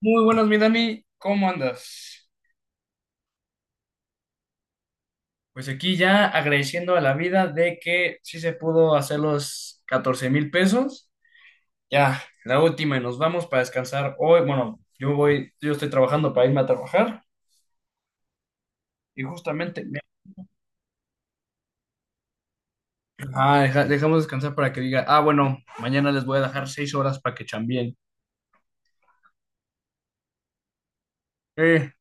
Muy buenas, mi Dani, ¿cómo andas? Pues aquí ya agradeciendo a la vida de que sí se pudo hacer los 14,000 pesos. Ya, la última y nos vamos para descansar hoy. Bueno, yo estoy trabajando para irme a trabajar y justamente dejamos descansar para que diga, bueno, mañana les voy a dejar 6 horas para que chambien. Eh,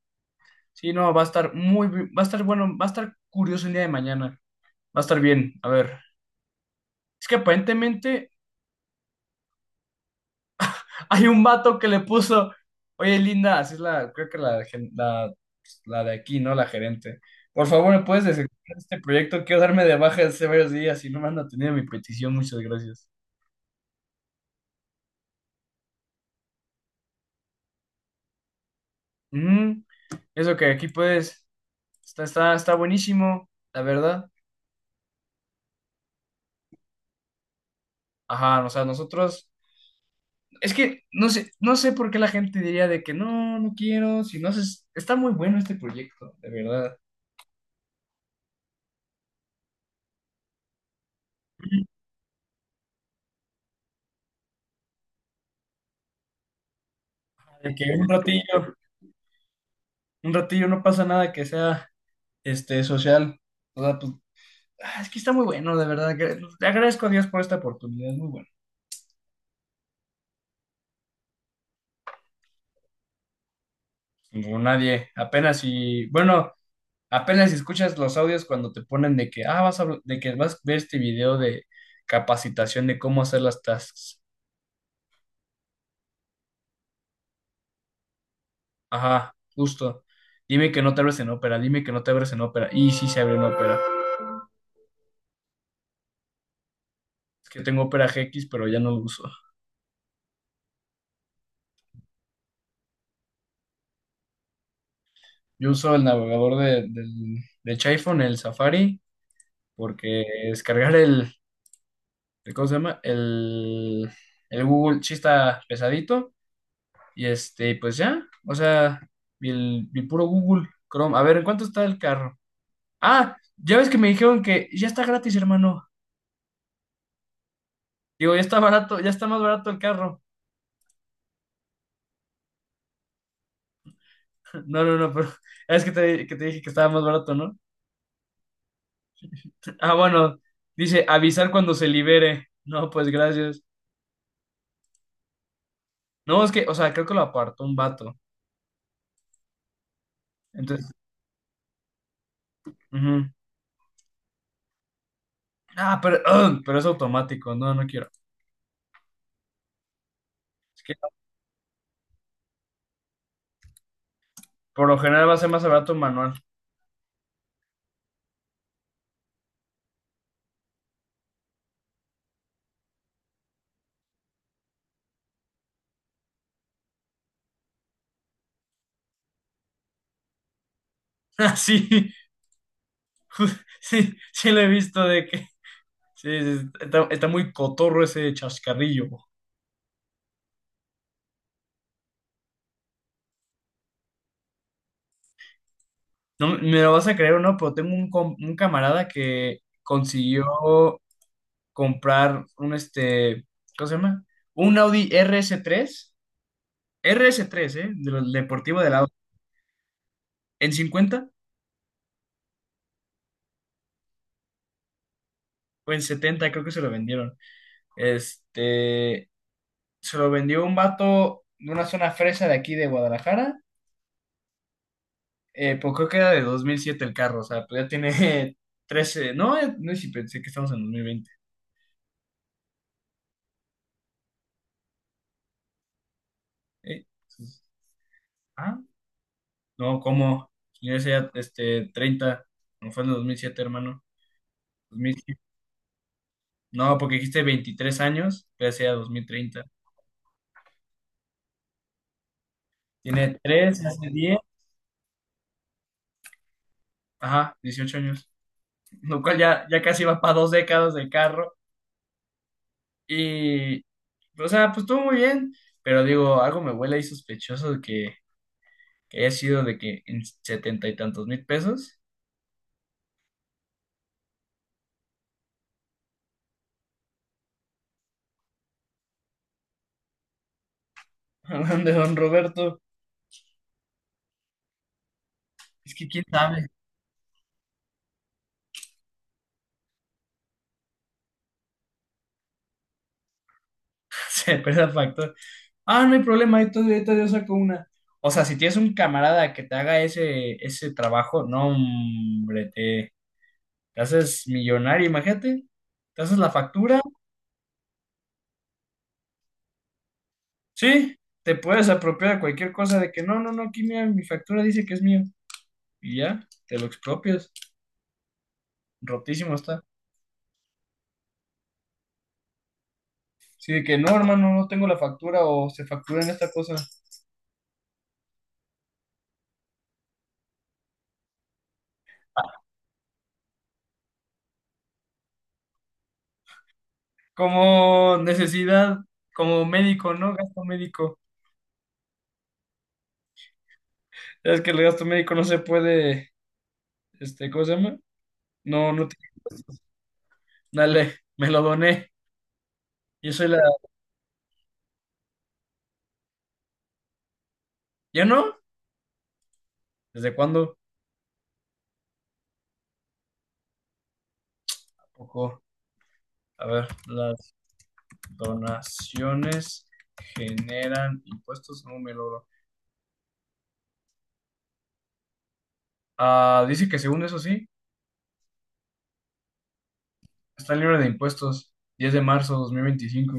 sí, no, va a estar muy, va a estar bueno, va a estar curioso el día de mañana. Va a estar bien, a ver. Es que aparentemente hay un vato que le puso, oye Linda, así es la, creo que la, la de aquí, ¿no? La gerente. Por favor, ¿me puedes desactivar este proyecto? Quiero darme de baja de hace varios días y no me han atendido mi petición, muchas gracias. Ujú. Eso que aquí puedes, está buenísimo, la verdad. Ajá, o sea, nosotros, es que no sé, no sé por qué la gente diría de que no, no quiero, si no haces, está muy bueno este proyecto, de verdad. De que un ratillo no pasa nada que sea este, social. O sea, pues, es que está muy bueno, de verdad. Le agradezco a Dios por esta oportunidad, es muy bueno. Como nadie, apenas si, bueno, apenas si escuchas los audios cuando te ponen de que, de que vas a ver este video de capacitación de cómo hacer las tasks. Ajá, justo. Dime que no te abres en Opera, dime que no te abres en Opera. Y sí se abre en Opera. Es que tengo Opera GX, pero ya no lo uso. Yo uso el navegador de, de iPhone, el Safari, porque descargar el, ¿cómo se llama? El Google sí está pesadito. Y este, pues ya, o sea, el puro Google Chrome. A ver, ¿en cuánto está el carro? Ah, ya ves que me dijeron que ya está gratis, hermano. Digo, ya está barato, ya está más barato el carro. No, no, no, pero es que que te dije que estaba más barato, ¿no? Ah, bueno, dice avisar cuando se libere. No, pues gracias. No, es que, o sea, creo que lo apartó un vato. Entonces, ujú. Pero, pero es automático. No, no quiero. Por lo general va a ser más barato un manual. Ah, sí, sí, sí lo he visto de que... Sí, sí, está muy cotorro ese chascarrillo. No, me lo vas a creer o no, pero tengo un camarada que consiguió comprar un, este, ¿cómo se llama? Un Audi RS3, rs tres, R S tres, ¿eh? De los deportivo del Audi. En 50 o en 70 creo que se lo vendieron. Este, Se lo vendió un vato de una zona fresa de aquí de Guadalajara. Pues creo que era de 2007 el carro, o sea, pues ya tiene 13 no, no sí, pensé que estamos en 2020. Eh, pues, ah, no, ¿cómo? Yo decía, este, 30 no fue en el 2007, hermano. 2007. No, porque dijiste 23 años, pero decía 2030. Tiene 3 hace 10, ajá, 18 años, lo cual ya casi va para dos décadas del carro. Y, o sea, pues estuvo muy bien, pero digo, algo me huele ahí sospechoso de que, haya sido de que en setenta y tantos mil pesos. Hablan de Don Roberto. Es que quién sabe, se pierde el factor. Ah, no hay problema, ahí todavía yo saco una. O sea, si tienes un camarada que te haga ese trabajo, no, hombre, te haces millonario, imagínate. Te haces la factura. Sí, te puedes apropiar cualquier cosa de que no, no, no, aquí mira, mi factura dice que es mío. Y ya, te lo expropias. Rotísimo está. Sí, de que no, hermano, no tengo la factura o se factura en esta cosa. Como necesidad, como médico, ¿no? Gasto médico. Es que el gasto médico no se puede, este, ¿cómo se llama? No, no tiene. Dale, me lo doné. Yo soy la. ¿Ya no? ¿Desde cuándo? Tampoco. A ver, las donaciones generan impuestos, no me logro. Ah, dice que según eso sí, está libre de impuestos. 10 de marzo de 2025.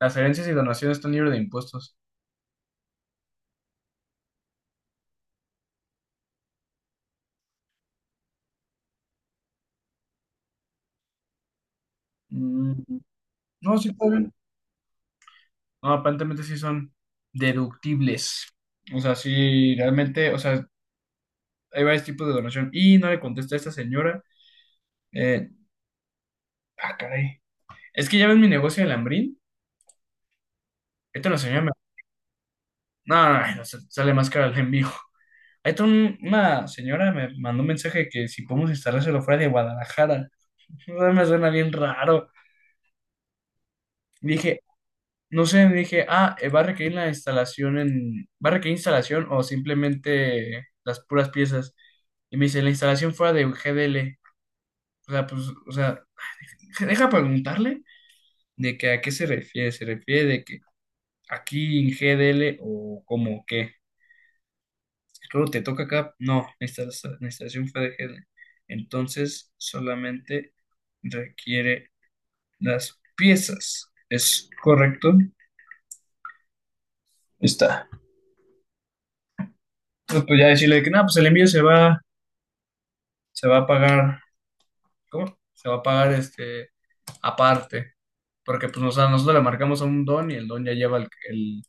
Las herencias y donaciones están libres de impuestos. Mm, no, sí, está bien. No, aparentemente sí son deductibles. O sea, sí, realmente, o sea, hay varios tipos de donación. Y no le contesté a esta señora. Eh, Caray. Es que ya ves mi negocio de Lambrín. Esta la señora me... No, no, no, sale más caro el envío. Ahí está una señora me mandó un mensaje que si podemos instalárselo fuera de Guadalajara. No me suena bien raro. Dije, no sé, dije, ¿va a requerir la instalación va a requerir instalación o simplemente las puras piezas? Y me dice, la instalación fuera de GDL. O sea, pues, o sea, deja preguntarle de que a qué se refiere de que aquí en GDL o como que, claro, te toca acá, no, la instalación fue de GDL. Entonces, solamente requiere las piezas. ¿Es correcto? Está. Pues, ya decirle que, nada pues el envío se va a pagar, ¿cómo? Se va a pagar este aparte, porque pues a nosotros le marcamos a un don y el don ya lleva el, el-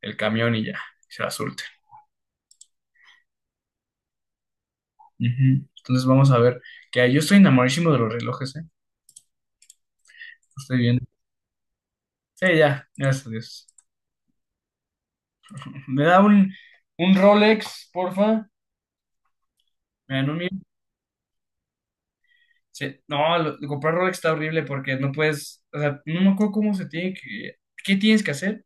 el camión y ya, se la surte. Ujú. Entonces vamos a ver, que yo estoy enamoradísimo de los relojes, ¿eh? Lo estoy viendo. Sí, ya, gracias a Dios. ¿Me da un Rolex, porfa? ¿Me dan un mil? Sí. No, comprar Rolex está horrible porque no puedes, o sea, no me acuerdo cómo se tiene que, ¿qué tienes que hacer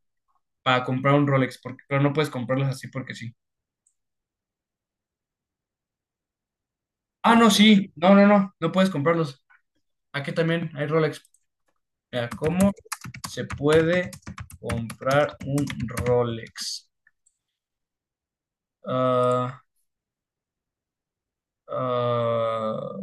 para comprar un Rolex? Porque, pero no puedes comprarlos así porque sí. Ah, no, sí. No, no, no. No puedes comprarlos. Aquí también hay Rolex. Mira, ¿cómo se puede comprar un Rolex? Ah, ah,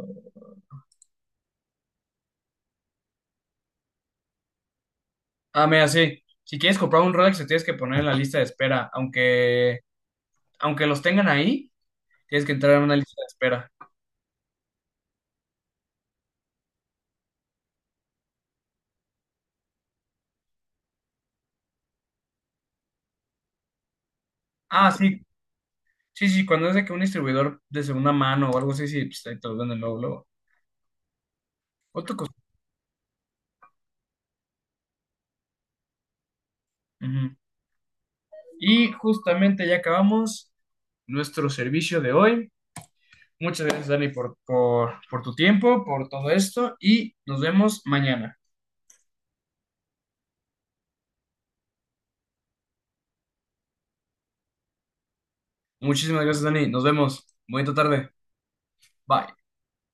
mira, sí. Si quieres comprar un Rolex, te tienes que poner en la lista de espera. Aunque los tengan ahí, tienes que entrar en una lista de espera. Ah, sí. Sí, sí. Cuando es de que un distribuidor de segunda mano o algo así, sí, pues ahí te lo venden luego, luego. ¿Cuánto costó? Ujú. Y justamente ya acabamos nuestro servicio de hoy. Muchas gracias, Dani, por tu tiempo, por todo esto y nos vemos mañana. Muchísimas gracias, Dani. Nos vemos. Bonita tarde. Bye.